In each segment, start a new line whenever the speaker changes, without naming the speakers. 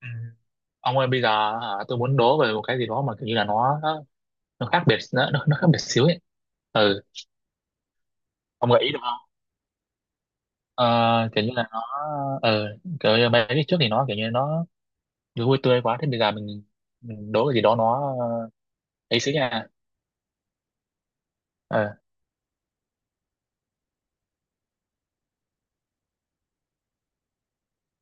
Ừ. Ông ơi bây giờ hả, tôi muốn đố về một cái gì đó mà kiểu như là nó khác biệt xíu ấy. Ừ, ông gợi ý được không? ờ, Kiểu như là nó, ờ kiểu như mấy cái trước thì nó kiểu như nó vui tươi quá. Thế bây giờ mình đố cái gì đó nó, ấy xíu nha. Ờ.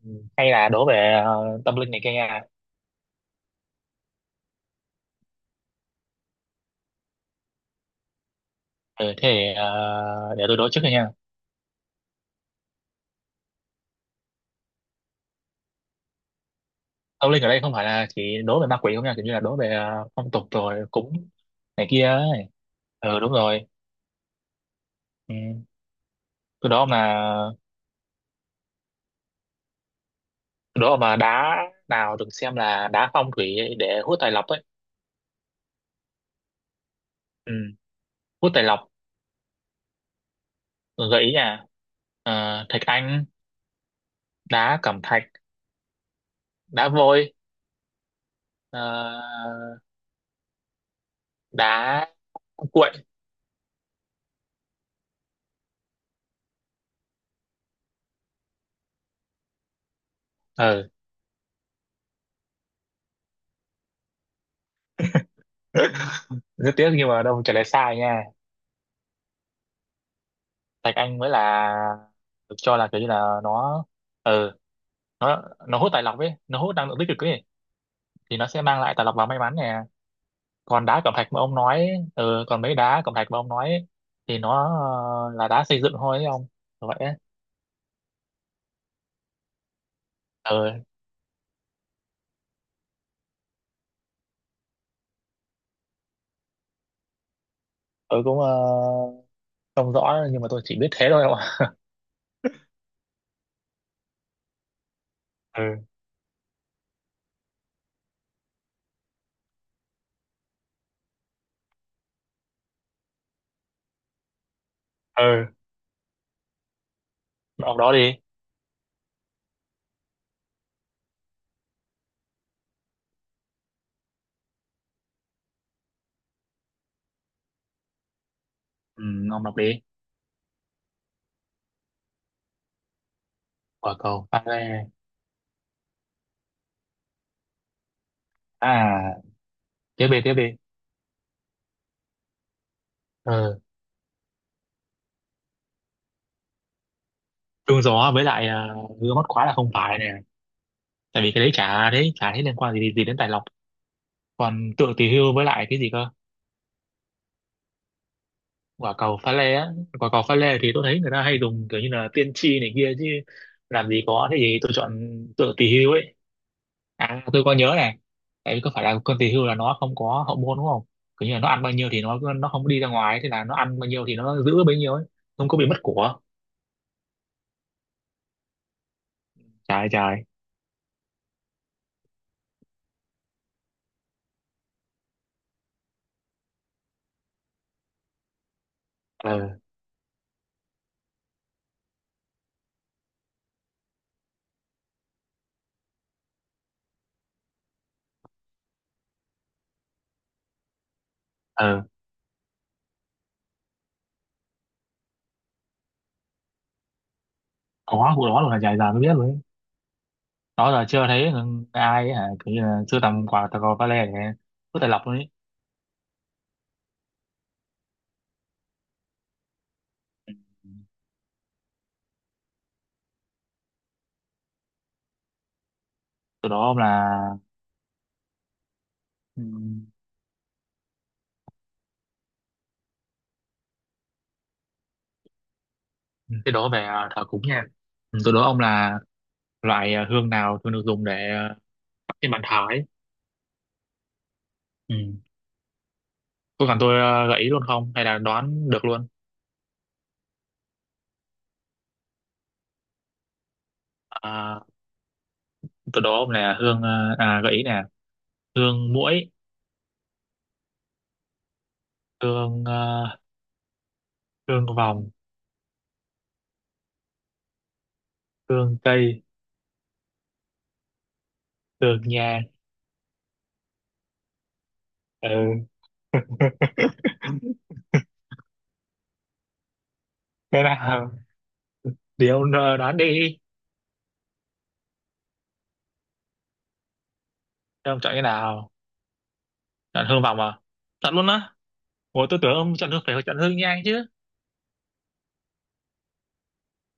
Ừ. Hay là đố về tâm linh này kia nha. Ừ thế thì, để tôi đố trước đi nha. Tâm linh ở đây không phải là chỉ đố về ma quỷ không nha, kiểu như là đố về phong tục rồi cúng này kia ấy. Ừ đúng rồi. Ừ. Tôi đố ông là đó mà đá nào được xem là đá phong thủy để hút tài lộc ấy. Ừ. Hút tài lộc. Gợi ý nha. Ờ, thạch anh, đá cẩm thạch, đá vôi, ờ, đá cuội. Ừ. Rất tiếc nhưng mà đâu, trả lời sai nha. Thạch anh mới là được cho là kiểu như là nó ừ nó nó hút tài lộc ấy, nó hút năng lượng tích cực ấy, thì nó sẽ mang lại tài lộc và may mắn nè. Còn đá cẩm thạch mà ông nói ừ, còn mấy đá cẩm thạch mà ông nói ấy, thì nó là đá xây dựng thôi ấy ông, vậy ấy. Ừ, tôi cũng không rõ nhưng mà tôi chỉ biết thế thôi ông ạ. Ừ. Ừ. Ông đó đi. Ừ, ông đọc đi. Quả cầu pha lê. À, tiếp đi tiếp đi. Ừ. Trúng gió với lại gương mắt khóa là không phải nè. Tại vì cái đấy chả thấy liên quan gì gì đến tài lộc. Còn tượng tỷ hưu với lại cái gì cơ? Quả cầu pha lê á. Quả cầu pha lê thì tôi thấy người ta hay dùng kiểu như là tiên tri này kia chứ. Làm gì có, thế gì tôi chọn tượng tỷ hưu ấy. À, tôi có nhớ này. Tại vì có phải là con tỷ hưu là nó không có hậu môn đúng không? Kiểu như là nó ăn bao nhiêu thì nó không đi ra ngoài, thế là nó ăn bao nhiêu thì nó giữ bấy nhiêu ấy. Không có bị mất của. Trời trời. Ờ. Ờ. Có vụ đó luôn, là dài dài mới biết luôn ấy. Đó là chưa thấy ai ấy, hả, kiểu như là sưu tầm quả cầu pha lê để vứt tài lộc luôn ấy. Ừ. Từ đó ông là, ừ. Thế đố về thờ cúng nha. Ừ, tôi đố ông là loại hương nào thường được dùng để thắp trên bàn thờ ấy. Ừ. Có cần tôi gợi ý luôn không? Hay là đoán được luôn? À, tôi đố ông là hương, gợi ý nè. Hương muỗi, hương à, hương vòng, hương cây, hương nhang. Ừ. Cái nào? Thì ông đoán đi. Thế ông chọn cái nào? Chọn hương vòng à? Chọn luôn á. Ủa tôi tưởng ông chọn hương, phải chọn hương nhang chứ.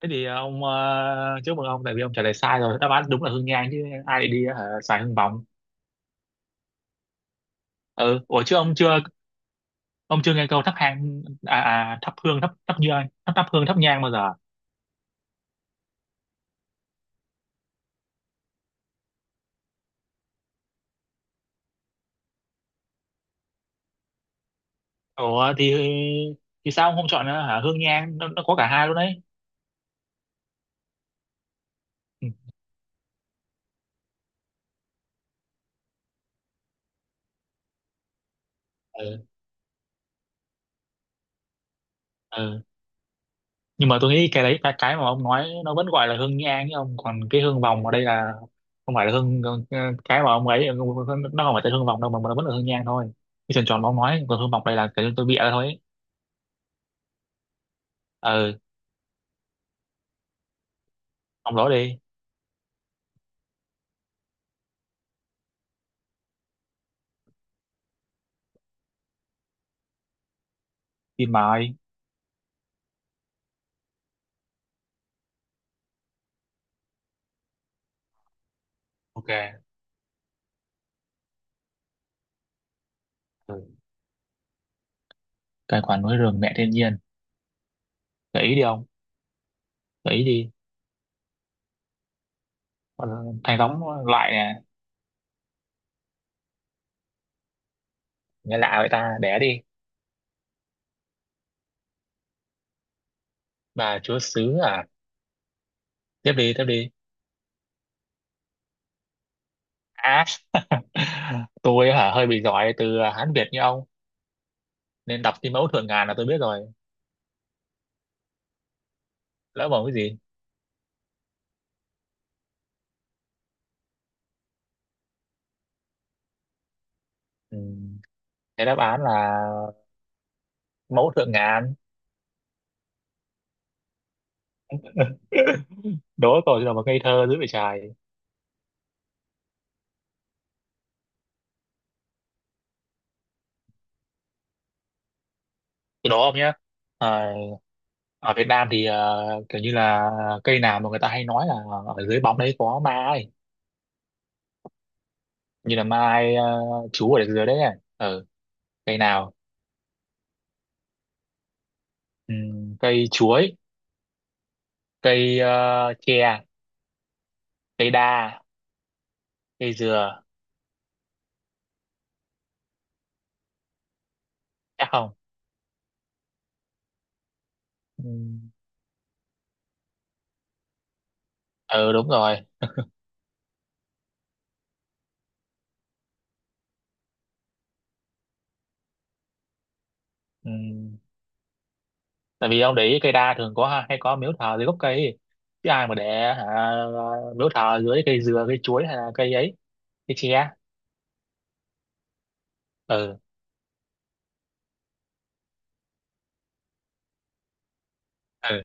Thế thì ông, chúc mừng ông tại vì ông trả lời sai rồi, đáp án đúng là hương nhang chứ ai lại đi xài hương vòng. Ừ, ủa chứ ông chưa, ông chưa nghe câu thắp hang à, à thắp hương, thắp thắp nhang, thắp thắp hương, thắp nhang bao giờ? Ủa thì sao ông không chọn hả hương nhang, nó có cả hai luôn đấy. Ừ. Ừ. Ừ. Nhưng mà tôi nghĩ cái đấy, cái mà ông nói nó vẫn gọi là hương nhang chứ ông, còn cái hương vòng ở đây là không phải là hương, cái mà ông ấy, nó không phải tên hương vòng đâu mà nó vẫn là hương nhang thôi. Cái tròn tròn mà ông nói, còn hương vòng đây là cái tôi bịa ra thôi ấy. Ờ. Ông đó đi. Phim mà ai. OK. Ừ. Tài khoản núi rừng, mẹ thiên nhiên. Gợi ý đi ông. Gợi ý đi. Ờ, thằng đóng loại nè. Nghe lạ vậy ta, đẻ đi. Bà chúa xứ à. Tiếp đi tiếp đi. À, tôi hả hơi bị giỏi từ Hán Việt như ông nên đọc cái mẫu thượng ngàn là tôi biết rồi. Lỡ mồm cái gì? Ừ. Cái đáp án là mẫu thượng ngàn. Đố tôi là một ngây thơ dữ vậy trời. Tôi đố ông nhé. Ở Việt Nam thì kiểu như là cây nào mà người ta hay nói là ở dưới bóng đấy có ma ấy? Như là mai, chú ở dưới đấy này. Ừ, cây nào? Cây chuối. Cây, tre. Cây đa. Cây dừa. Chắc không? Ừm. Ừ đúng rồi. Ừm, tại vì ông để ý cây đa thường có, hay có miếu thờ dưới gốc cây ấy. Chứ ai mà để hả, miếu thờ dưới cây dừa, cây chuối, hay là cây ấy, cây tre. Ừ. Ừ,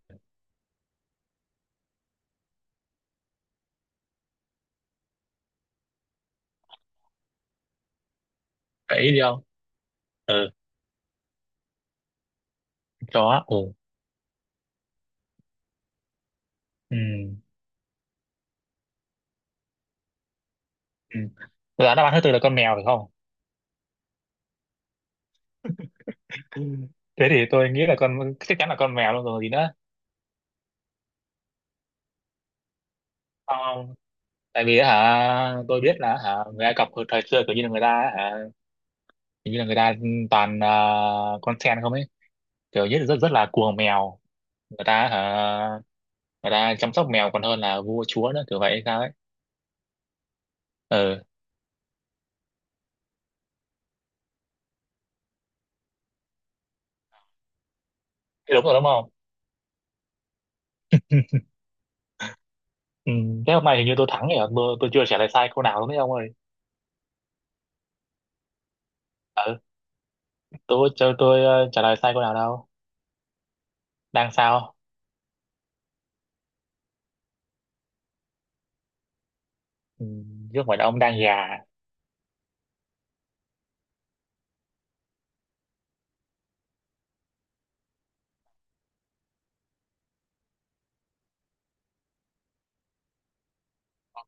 để ý đi không? Ừ. Chó. Ừ. Ừm. Ừ. Là đáp án thứ tư là con mèo phải không? Ừ. Thế thì tôi nghĩ là con chắc chắn là con mèo luôn rồi gì nữa. Không, không. Tại vì á hả tôi biết là hả, người Ai Cập hồi thời xưa kiểu như là người ta á hả, kiểu như là người ta toàn con sen không ấy, kiểu như là rất rất là cuồng mèo. Người ta hả, người ta chăm sóc mèo còn hơn là vua chúa nữa kiểu vậy hay sao ấy. Ừ, thế đúng rồi đúng không? Ừ, thế hôm nay hình như tôi thắng rồi, tôi chưa trả lời sai câu nào đúng không ông ơi? Ừ, tôi trả lời sai câu nào đâu. Đang sao? Ừ, chứ không phải là ông đang gà.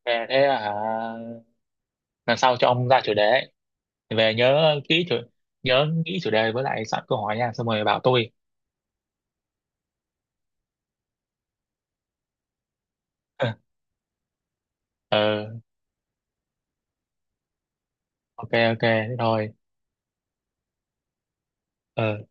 Thế thế à, lần sau cho ông ra chủ đề ấy. Về nhớ nghĩ chủ đề với lại soạn câu hỏi nha, xong rồi bảo tôi. Ờ, OK OK thế thôi. Ờ.